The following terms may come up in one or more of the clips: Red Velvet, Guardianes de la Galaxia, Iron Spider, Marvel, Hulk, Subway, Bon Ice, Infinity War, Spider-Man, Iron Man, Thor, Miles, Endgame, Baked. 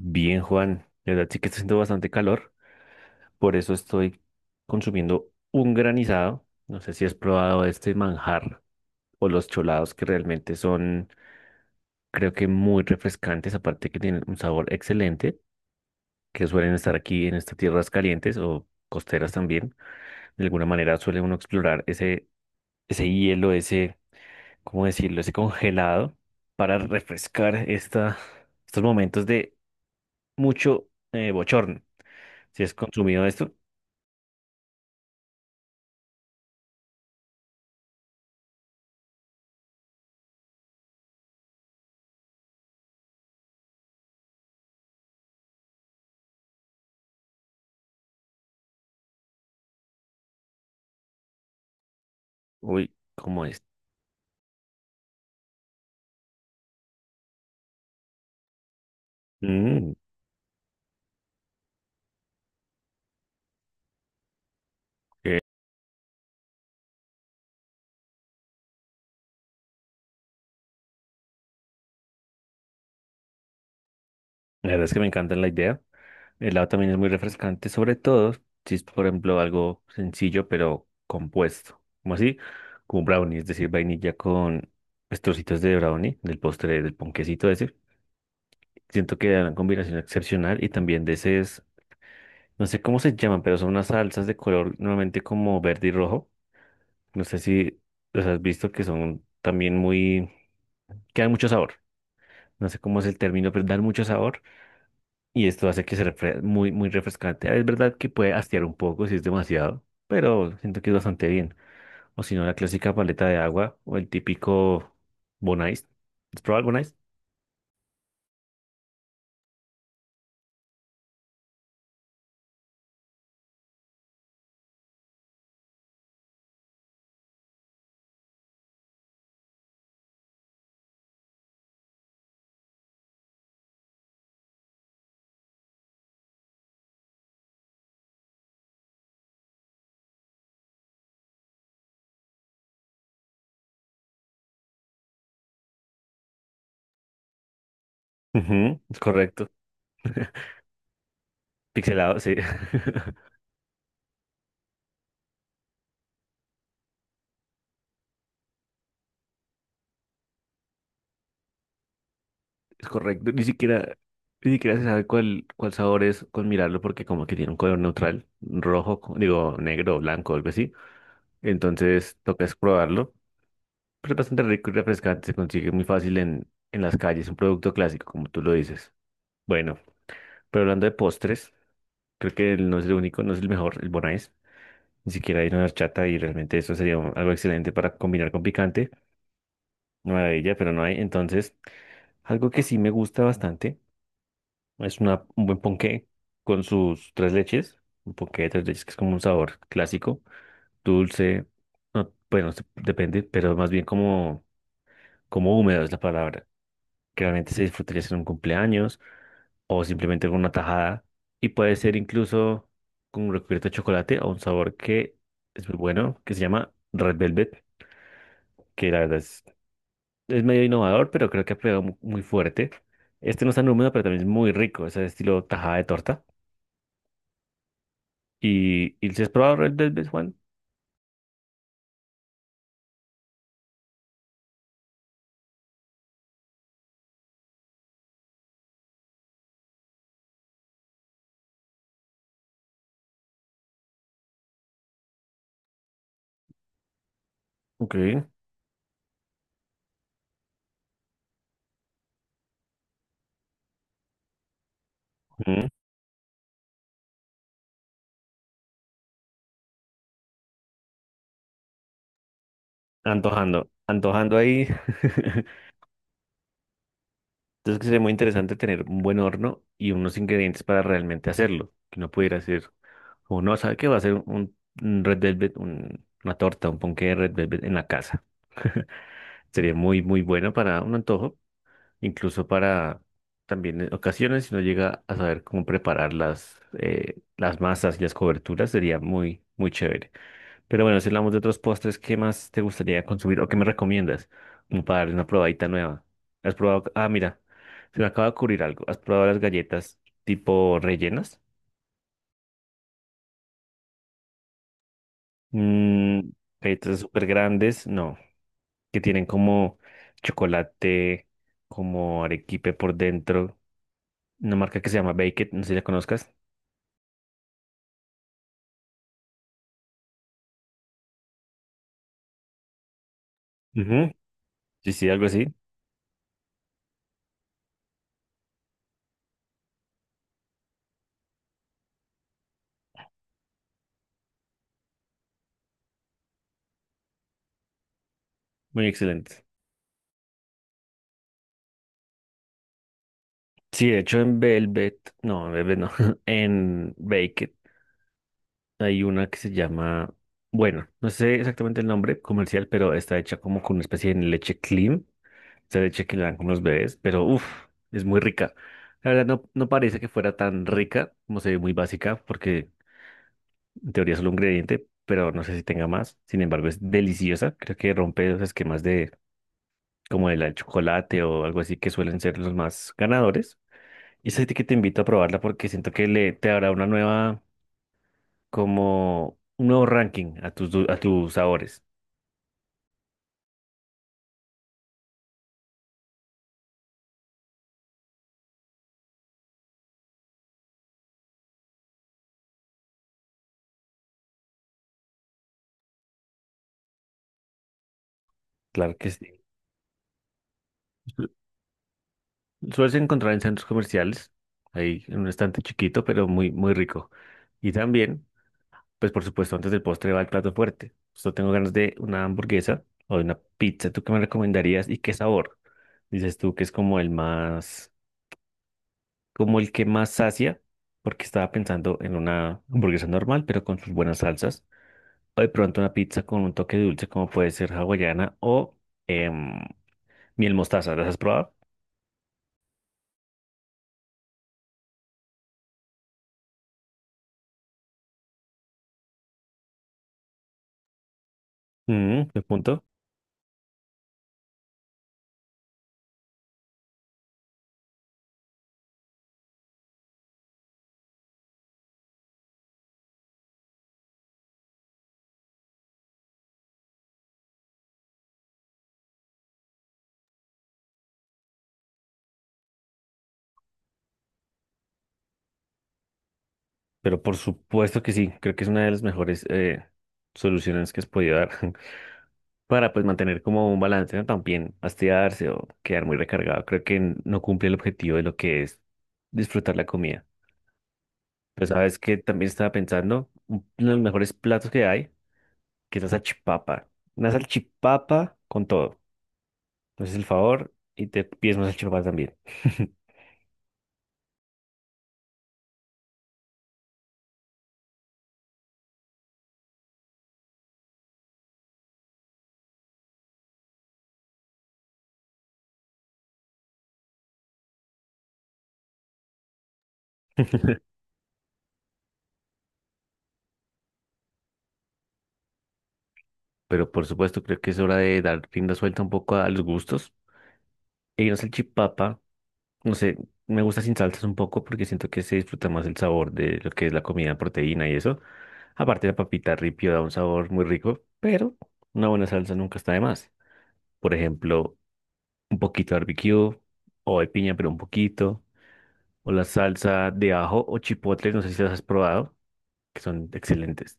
Bien, Juan, la verdad sí que está haciendo bastante calor, por eso estoy consumiendo un granizado. No sé si has probado este manjar o los cholados que realmente son, creo que muy refrescantes, aparte que tienen un sabor excelente, que suelen estar aquí en estas tierras calientes o costeras también. De alguna manera suele uno explorar ese hielo, ¿cómo decirlo? Ese congelado para refrescar estos momentos de mucho bochorno. ¿Si has consumido esto? Uy, ¿cómo es? Mm, eh, la verdad es que me encanta la idea. El helado también es muy refrescante, sobre todo si es, por ejemplo, algo sencillo pero compuesto. Como así, como brownie, es decir, vainilla con pues, trocitos de brownie, del postre, del ponquecito ese. Siento que da una combinación excepcional y también de ese es, no sé cómo se llaman, pero son unas salsas de color normalmente como verde y rojo. No sé si los has visto que son también muy, que dan mucho sabor. No sé cómo es el término, pero dan mucho sabor y esto hace que se muy, muy refrescante. Es verdad que puede hastiar un poco si es demasiado, pero siento que es bastante bien. O si no, la clásica paleta de agua o el típico Bon Ice. ¿Has probado el Bon Ice? Ujú, es correcto. Pixelado, sí. Es correcto. Ni siquiera se sabe cuál sabor es con mirarlo porque como que tiene un color neutral, rojo, digo, negro o blanco, algo así. Entonces toca es probarlo. Pero es bastante rico y refrescante. Se consigue muy fácil en las calles. Un producto clásico, como tú lo dices. Bueno, pero hablando de postres, creo que él no es el único, no es el mejor, el Bonais. Ni siquiera hay una horchata y realmente eso sería algo excelente para combinar con picante. Maravilla, pero no hay. Entonces, algo que sí me gusta bastante es un buen ponqué con sus tres leches. Un ponqué de tres leches que es como un sabor clásico, dulce, no, bueno, depende, pero más bien como, como húmedo es la palabra, que realmente se disfrutaría en un cumpleaños o simplemente con una tajada. Y puede ser incluso con un recubierto de chocolate o un sabor que es muy bueno, que se llama Red Velvet, que la verdad es medio innovador, pero creo que ha pegado muy fuerte. Este no es tan húmedo, pero también es muy rico, es el estilo tajada de torta. Y si has probado Red Velvet, Juan? Ok. Ujú. Antojando, antojando ahí. Entonces que sería muy interesante tener un buen horno y unos ingredientes para realmente hacerlo, que no pudiera hacer. O no, ¿sabe qué? Va a ser un Red Velvet, una torta, un ponqué de Red Velvet en la casa. Sería muy, muy bueno para un antojo, incluso para también en ocasiones, si no llega a saber cómo preparar las masas y las coberturas, sería muy, muy chévere. Pero bueno, si hablamos de otros postres, ¿qué más te gustaría consumir o qué me recomiendas? Como para darle una probadita nueva. ¿Has probado? Ah, mira, se me acaba de ocurrir algo. ¿Has probado las galletas tipo rellenas? Mm, galletas súper grandes, no, que tienen como chocolate, como arequipe por dentro. Una marca que se llama Baked, no sé si la conozcas. Ujú. Sí, sí, algo así. Muy excelente. Sí, de hecho en Velvet no, en Baked hay una que se llama, bueno, no sé exactamente el nombre comercial, pero está hecha como con una especie de leche clean, esa leche que le dan como los bebés, pero uff, es muy rica. La verdad no, no parece que fuera tan rica, como se ve muy básica, porque en teoría es solo un ingrediente, pero no sé si tenga más. Sin embargo, es deliciosa. Creo que rompe los esquemas de como el chocolate o algo así que suelen ser los más ganadores. Y es así que te invito a probarla porque siento que le te dará una nueva, como un nuevo ranking a a tus sabores. Claro que sí. Su- Sueles encontrar en centros comerciales, ahí en un estante chiquito, pero muy, muy rico. Y también pues por supuesto, antes del postre va el plato fuerte. Yo tengo ganas de una hamburguesa o de una pizza. ¿Tú qué me recomendarías y qué sabor? Dices tú que es como como el que más sacia, porque estaba pensando en una hamburguesa normal, pero con sus buenas salsas. O de pronto una pizza con un toque dulce, como puede ser hawaiana o em, miel mostaza. ¿Las has probado? Mm, de punto. Pero por supuesto que sí, creo que es una de las mejores soluciones que has podido dar. Para pues mantener como un balance, ¿no? También hastiarse o quedar muy recargado. Creo que no cumple el objetivo de lo que es disfrutar la comida. Pero sabes que también estaba pensando, uno de los mejores platos que hay, que es la salchipapa. Una salchipapa con todo. Entonces el favor y te pides una salchipapa también. Pero por supuesto creo que es hora de dar rienda suelta un poco a los gustos. Y una salchipapa, no sé, me gusta sin salsas un poco porque siento que se disfruta más el sabor de lo que es la comida, proteína y eso. Aparte, la papita ripio da un sabor muy rico, pero una buena salsa nunca está de más. Por ejemplo, un poquito de barbecue o de piña, pero un poquito. O la salsa de ajo o chipotle, no sé si las has probado, que son excelentes.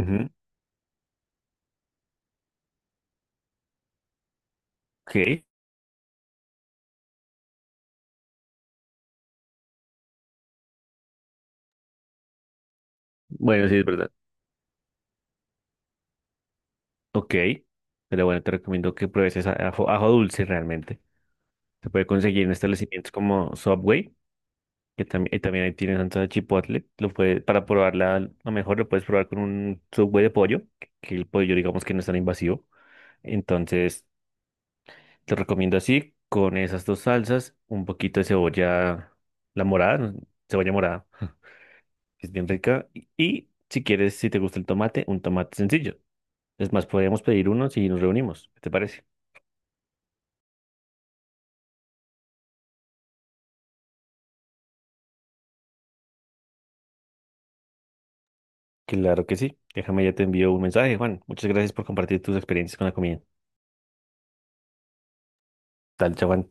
Ujú, ok, bueno, sí, es verdad. Ok, pero bueno, te recomiendo que pruebes esa ajo, ajo dulce realmente. Se puede conseguir en establecimientos como Subway, que también, y también ahí tienen salsa de chipotle. Lo puede, para probarla, a lo mejor lo puedes probar con un Subway de pollo, que el pollo digamos que no es tan invasivo. Entonces, te recomiendo así, con esas dos salsas, un poquito de cebolla, la morada, ¿no? Cebolla morada, que es bien rica. Y si quieres, si te gusta el tomate, un tomate sencillo. Es más, podemos pedir uno si nos reunimos. ¿Qué te parece? Claro que sí. Déjame, ya te envío un mensaje, Juan. Muchas gracias por compartir tus experiencias con la comida. Tal, chao, Juan.